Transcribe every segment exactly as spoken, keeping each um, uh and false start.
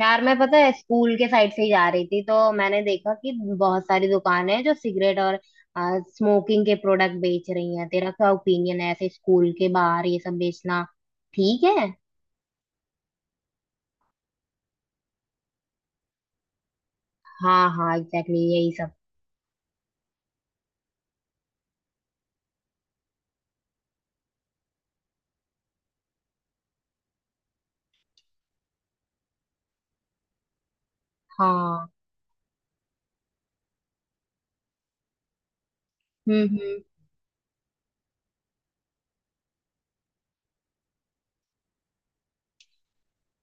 यार मैं पता है स्कूल के साइड से ही जा रही थी तो मैंने देखा कि बहुत सारी दुकानें हैं जो सिगरेट और स्मोकिंग के प्रोडक्ट बेच रही हैं। तेरा क्या ओपिनियन है ऐसे स्कूल के बाहर ये सब बेचना ठीक है? हाँ हाँ, एग्जैक्टली यही सब। हाँ। हम्म हम्म।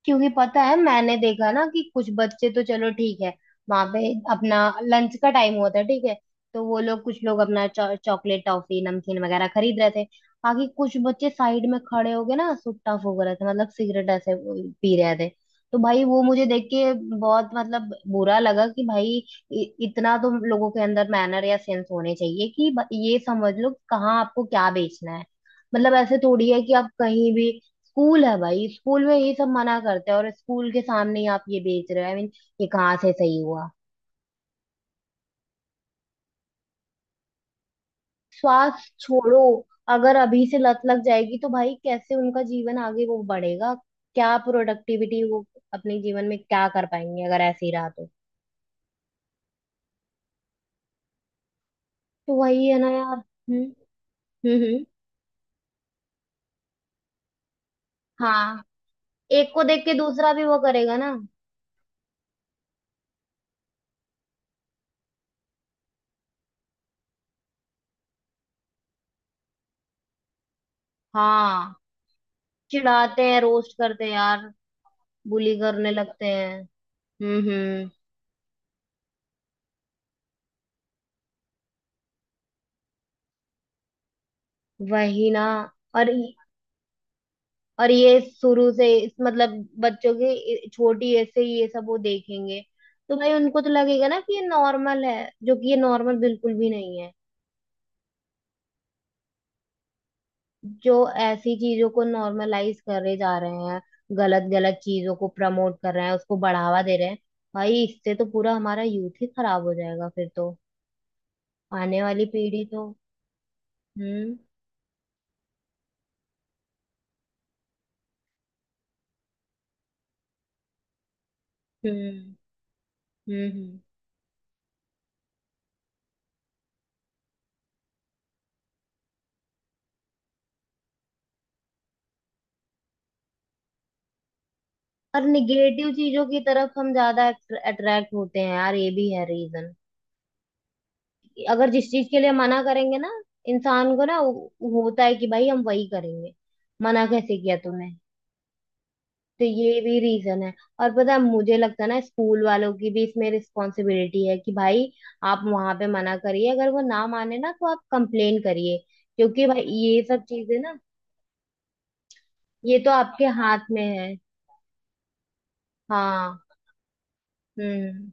क्योंकि पता है मैंने देखा ना कि कुछ बच्चे तो चलो ठीक है, वहां पे अपना लंच का टाइम हुआ था ठीक है, तो वो लोग कुछ लोग अपना चॉ, चॉकलेट टॉफी नमकीन वगैरह खरीद रहे थे। बाकी कुछ बच्चे साइड में खड़े हो गए ना, सुट्टा फूक रहे थे मतलब सिगरेट ऐसे पी रहे थे। तो भाई वो मुझे देख के बहुत मतलब बुरा लगा कि भाई इ- इतना तो लोगों के अंदर मैनर या सेंस होने चाहिए कि ब- ये समझ लो कहाँ आपको क्या बेचना है। मतलब ऐसे थोड़ी है कि आप कहीं भी, स्कूल है भाई, स्कूल में ये सब मना करते हैं और स्कूल के सामने ही आप ये बेच रहे हो। आई मीन ये कहाँ से सही हुआ? श्वास छोड़ो। अगर अभी से लत लग जाएगी तो भाई कैसे उनका जीवन आगे वो बढ़ेगा, क्या प्रोडक्टिविटी वो अपने जीवन में क्या कर पाएंगे अगर ऐसे ही रहा तो। तो वही है ना यार। हम्म हम्म। हम्म। हाँ। एक को देख के दूसरा भी वो करेगा ना। हाँ, चिढ़ाते हैं रोस्ट करते हैं यार, बुली करने लगते हैं। हम्म हम्म। वही ना। और और ये शुरू से इस मतलब बच्चों के इ- छोटी एज से ये सब वो देखेंगे, तो भाई उनको तो लगेगा ना कि ये नॉर्मल है, जो कि ये नॉर्मल बिल्कुल भी नहीं है। जो ऐसी चीजों को नॉर्मलाइज करे जा रहे हैं, गलत गलत चीजों को प्रमोट कर रहे हैं, उसको बढ़ावा दे रहे हैं। भाई इससे तो पूरा हमारा यूथ ही खराब हो जाएगा फिर तो, आने वाली पीढ़ी तो। हम्म हम्म। हम्म हम्म। और निगेटिव चीजों की तरफ हम ज्यादा अट्रैक्ट होते हैं यार, ये भी है रीजन। अगर जिस चीज के लिए मना करेंगे ना, इंसान को ना वो- होता है कि भाई हम वही करेंगे। मना कैसे किया तूने। तो ये भी रीजन है। और पता है मुझे लगता है ना स्कूल वालों की भी इसमें रिस्पॉन्सिबिलिटी है कि भाई आप वहां पे मना करिए, अगर वो ना माने ना तो आप कंप्लेन करिए। क्योंकि भाई ये सब चीजें ना, ये तो आपके हाथ में है। हाँ। हम्म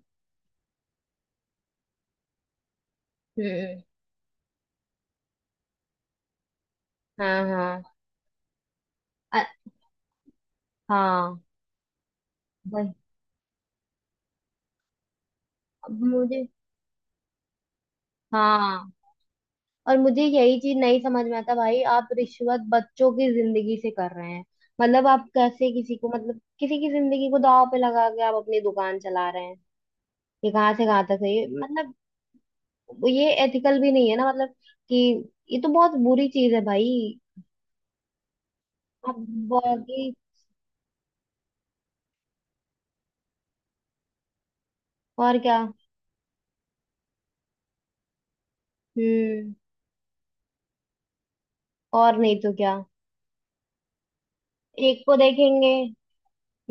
हम्म। हाँ हाँ। अ- हाँ। वही। अब मुझे। हाँ। और मुझे यही चीज नहीं समझ में आता भाई, आप रिश्वत बच्चों की जिंदगी से कर रहे हैं। मतलब आप कैसे किसी को, मतलब किसी की जिंदगी को दांव पे लगा के आप अपनी दुकान चला रहे हैं। ये कहाँ से कहाँ तक है ये। हम्म। मतलब ये एथिकल भी नहीं है ना मतलब कि, ये तो बहुत बुरी चीज है भाई। आप, बाकी, और क्या। हम्म। और नहीं तो क्या। एक को देखेंगे।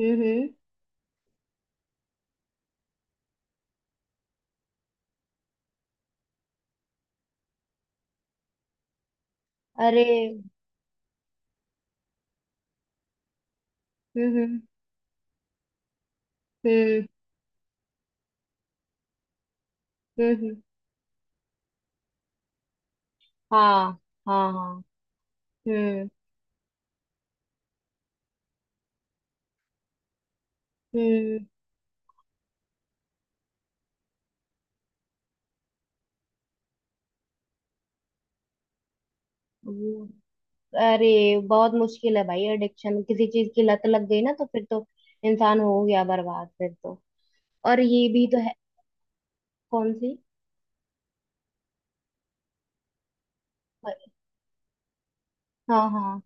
हम्म हम्म। अरे। हम्म हम्म। हम्म हम्म। हम्म, हाँ हाँ। हाँ। हम्म हम्म। वो- अरे बहुत मुश्किल है भाई, एडिक्शन किसी चीज की लत लग गई ना तो फिर तो इंसान हो गया बर्बाद फिर तो। और ये भी तो है। कौन सी? हाँ हाँ।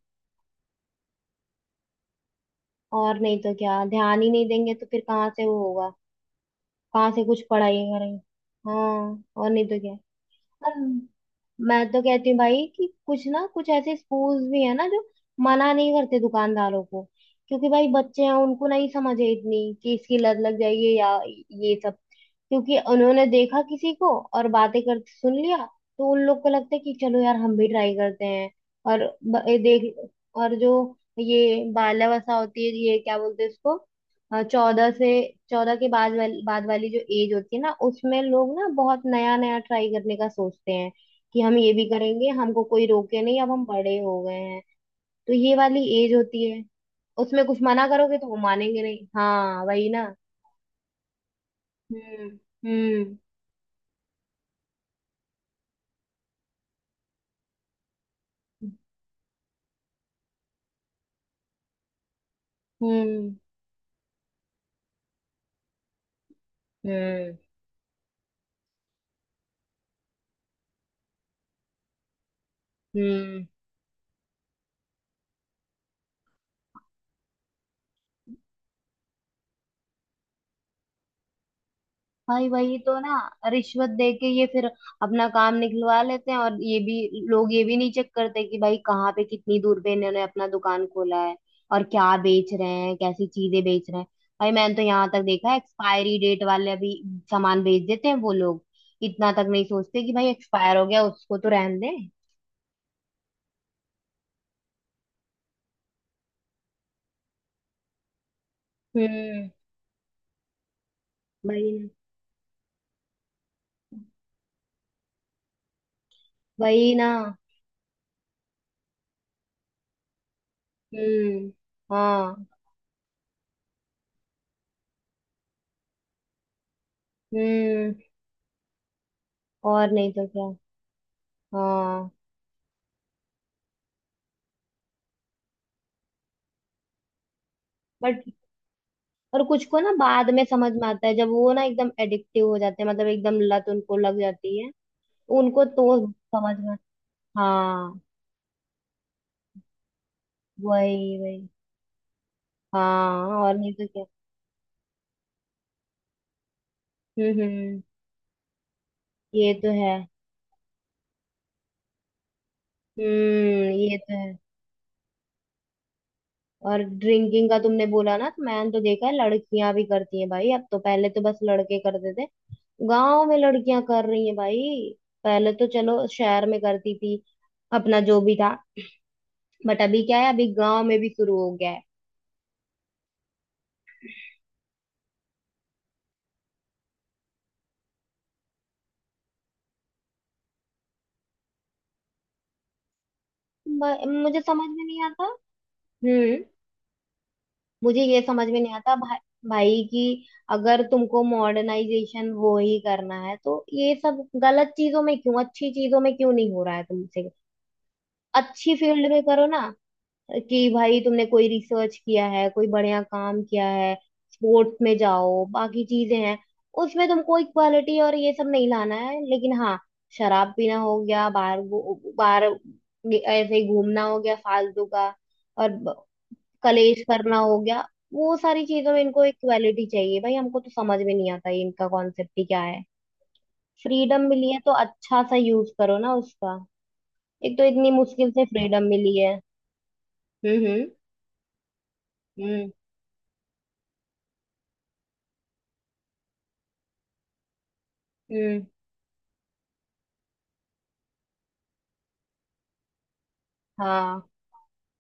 और नहीं तो क्या, ध्यान ही नहीं देंगे तो फिर कहाँ से वो होगा, कहाँ से कुछ पढ़ाई करेंगे। हाँ और नहीं तो क्या। और मैं तो कहती हूँ भाई कि कुछ ना कुछ ऐसे स्कूल्स भी है ना जो मना नहीं करते दुकानदारों को, क्योंकि भाई बच्चे हैं, उनको नहीं समझ है इतनी कि इसकी लत लग जाएगी या ये सब, क्योंकि उन्होंने देखा किसी को और बातें करते सुन लिया, तो उन लोग को लगता है कि चलो यार हम भी ट्राई करते हैं। और ब- ये देख। और जो ये बाल्यावस्था होती है ये क्या बोलते हैं इसको, चौदह से, चौदह के बाद वाली बाद वाली जो एज होती है ना उसमें लोग ना बहुत नया नया ट्राई करने का सोचते हैं कि हम ये भी करेंगे, हमको कोई रोके नहीं, अब हम बड़े हो गए हैं। तो ये वाली एज होती है, उसमें कुछ मना करोगे तो वो मानेंगे नहीं। हाँ वही ना। हम्म हम्म। हम्म हम्म। हम्म। भाई वही तो ना, रिश्वत दे के ये फिर अपना काम निकलवा लेते हैं, और ये भी लोग ये भी नहीं चेक करते कि भाई कहाँ पे कितनी दूर पे इन्होंने अपना दुकान खोला है और क्या बेच रहे हैं, कैसी चीजें बेच रहे हैं। भाई मैंने तो यहाँ तक देखा है, एक्सपायरी डेट वाले भी सामान बेच देते हैं वो लोग, इतना तक नहीं सोचते कि भाई एक्सपायर हो गया उसको तो रहने दें। हम्म। वही ना। वही ना। हम्म। हाँ। हम्म। और नहीं तो क्या। हाँ। बट, और कुछ को ना बाद में समझ में आता है, जब वो ना एकदम एडिक्टिव हो जाते हैं, मतलब एकदम लत उनको लग जाती है, उनको तो समझ में। हाँ। वही वही। हाँ और नहीं तो क्या। हम्म हम्म। ये तो है। हम्म। ये तो है। और ड्रिंकिंग का तुमने बोला ना तो मैंने तो देखा है लड़कियां भी करती हैं भाई, अब तो पहले तो बस लड़के करते थे। गांव में लड़कियां कर रही हैं भाई, पहले तो चलो शहर में करती थी अपना जो भी था। बट अभी क्या है अभी गांव में भी शुरू हो गया है। ब- मुझे समझ में नहीं आता। हम्म। मुझे ये समझ में नहीं आता भाई, भाई कि अगर तुमको मॉडर्नाइजेशन वो ही करना है तो ये सब गलत चीजों में क्यों, अच्छी चीजों में क्यों नहीं हो रहा है तुमसे? अच्छी फील्ड में करो ना, कि भाई तुमने कोई रिसर्च किया है, कोई बढ़िया काम किया है, स्पोर्ट्स में जाओ, बाकी चीजें हैं। उसमें तुमको इक्वालिटी और ये सब नहीं लाना है, लेकिन हाँ शराब पीना हो गया, बाहर गो- बाहर ऐसे ही घूमना हो गया फालतू का, और कलेश करना हो गया, वो सारी चीजों में इनको इक्वालिटी चाहिए भाई। हमको तो समझ में नहीं आता ये इनका कॉन्सेप्ट ही क्या है। फ्रीडम मिली है तो अच्छा सा यूज करो ना उसका। एक तो इतनी मुश्किल से फ्रीडम मिली है। हम्म हम्म। हम्म हम्म, हाँ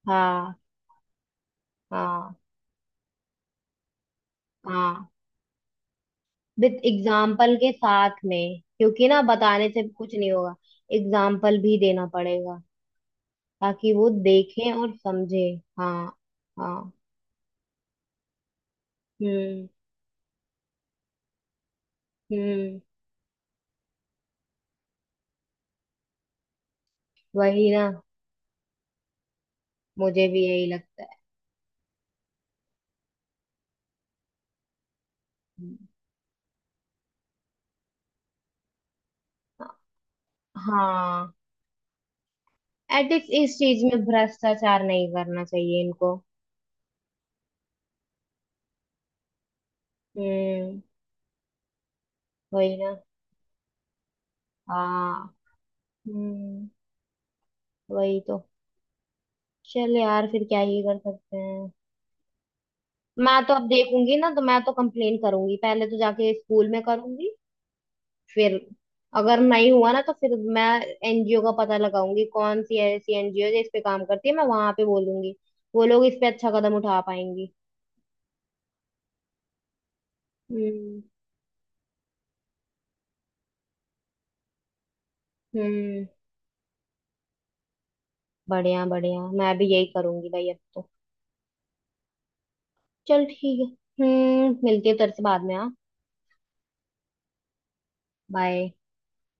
हाँ। हाँ हाँ। विद एग्जाम्पल के साथ में, क्योंकि ना बताने से कुछ नहीं होगा, एग्जाम्पल भी देना पड़ेगा ताकि वो देखें और समझे। हाँ हाँ। हम्म हम्म। वही ना। मुझे भी यही लगता है। हाँ, एथिक्स इस चीज में भ्रष्टाचार नहीं करना चाहिए इनको। हम्म। वही ना। हाँ। हम्म। वही तो। चल यार फिर क्या ही कर सकते हैं। मैं तो अब देखूंगी ना तो मैं तो कंप्लेन करूंगी, पहले तो जाके स्कूल में करूंगी, फिर अगर नहीं हुआ ना तो फिर मैं एन जी ओ का पता लगाऊंगी, कौन सी ऐसी एन जी ओ है जो इस पे काम करती है, मैं वहां पे बोलूंगी, वो लोग इस पे अच्छा कदम उठा पाएंगी। हम्म हम्म। बढ़िया बढ़िया, मैं भी यही करूंगी भाई अब तो। चल ठीक है। हम्म, मिलती है तेरे से बाद में। हाँ। बाय।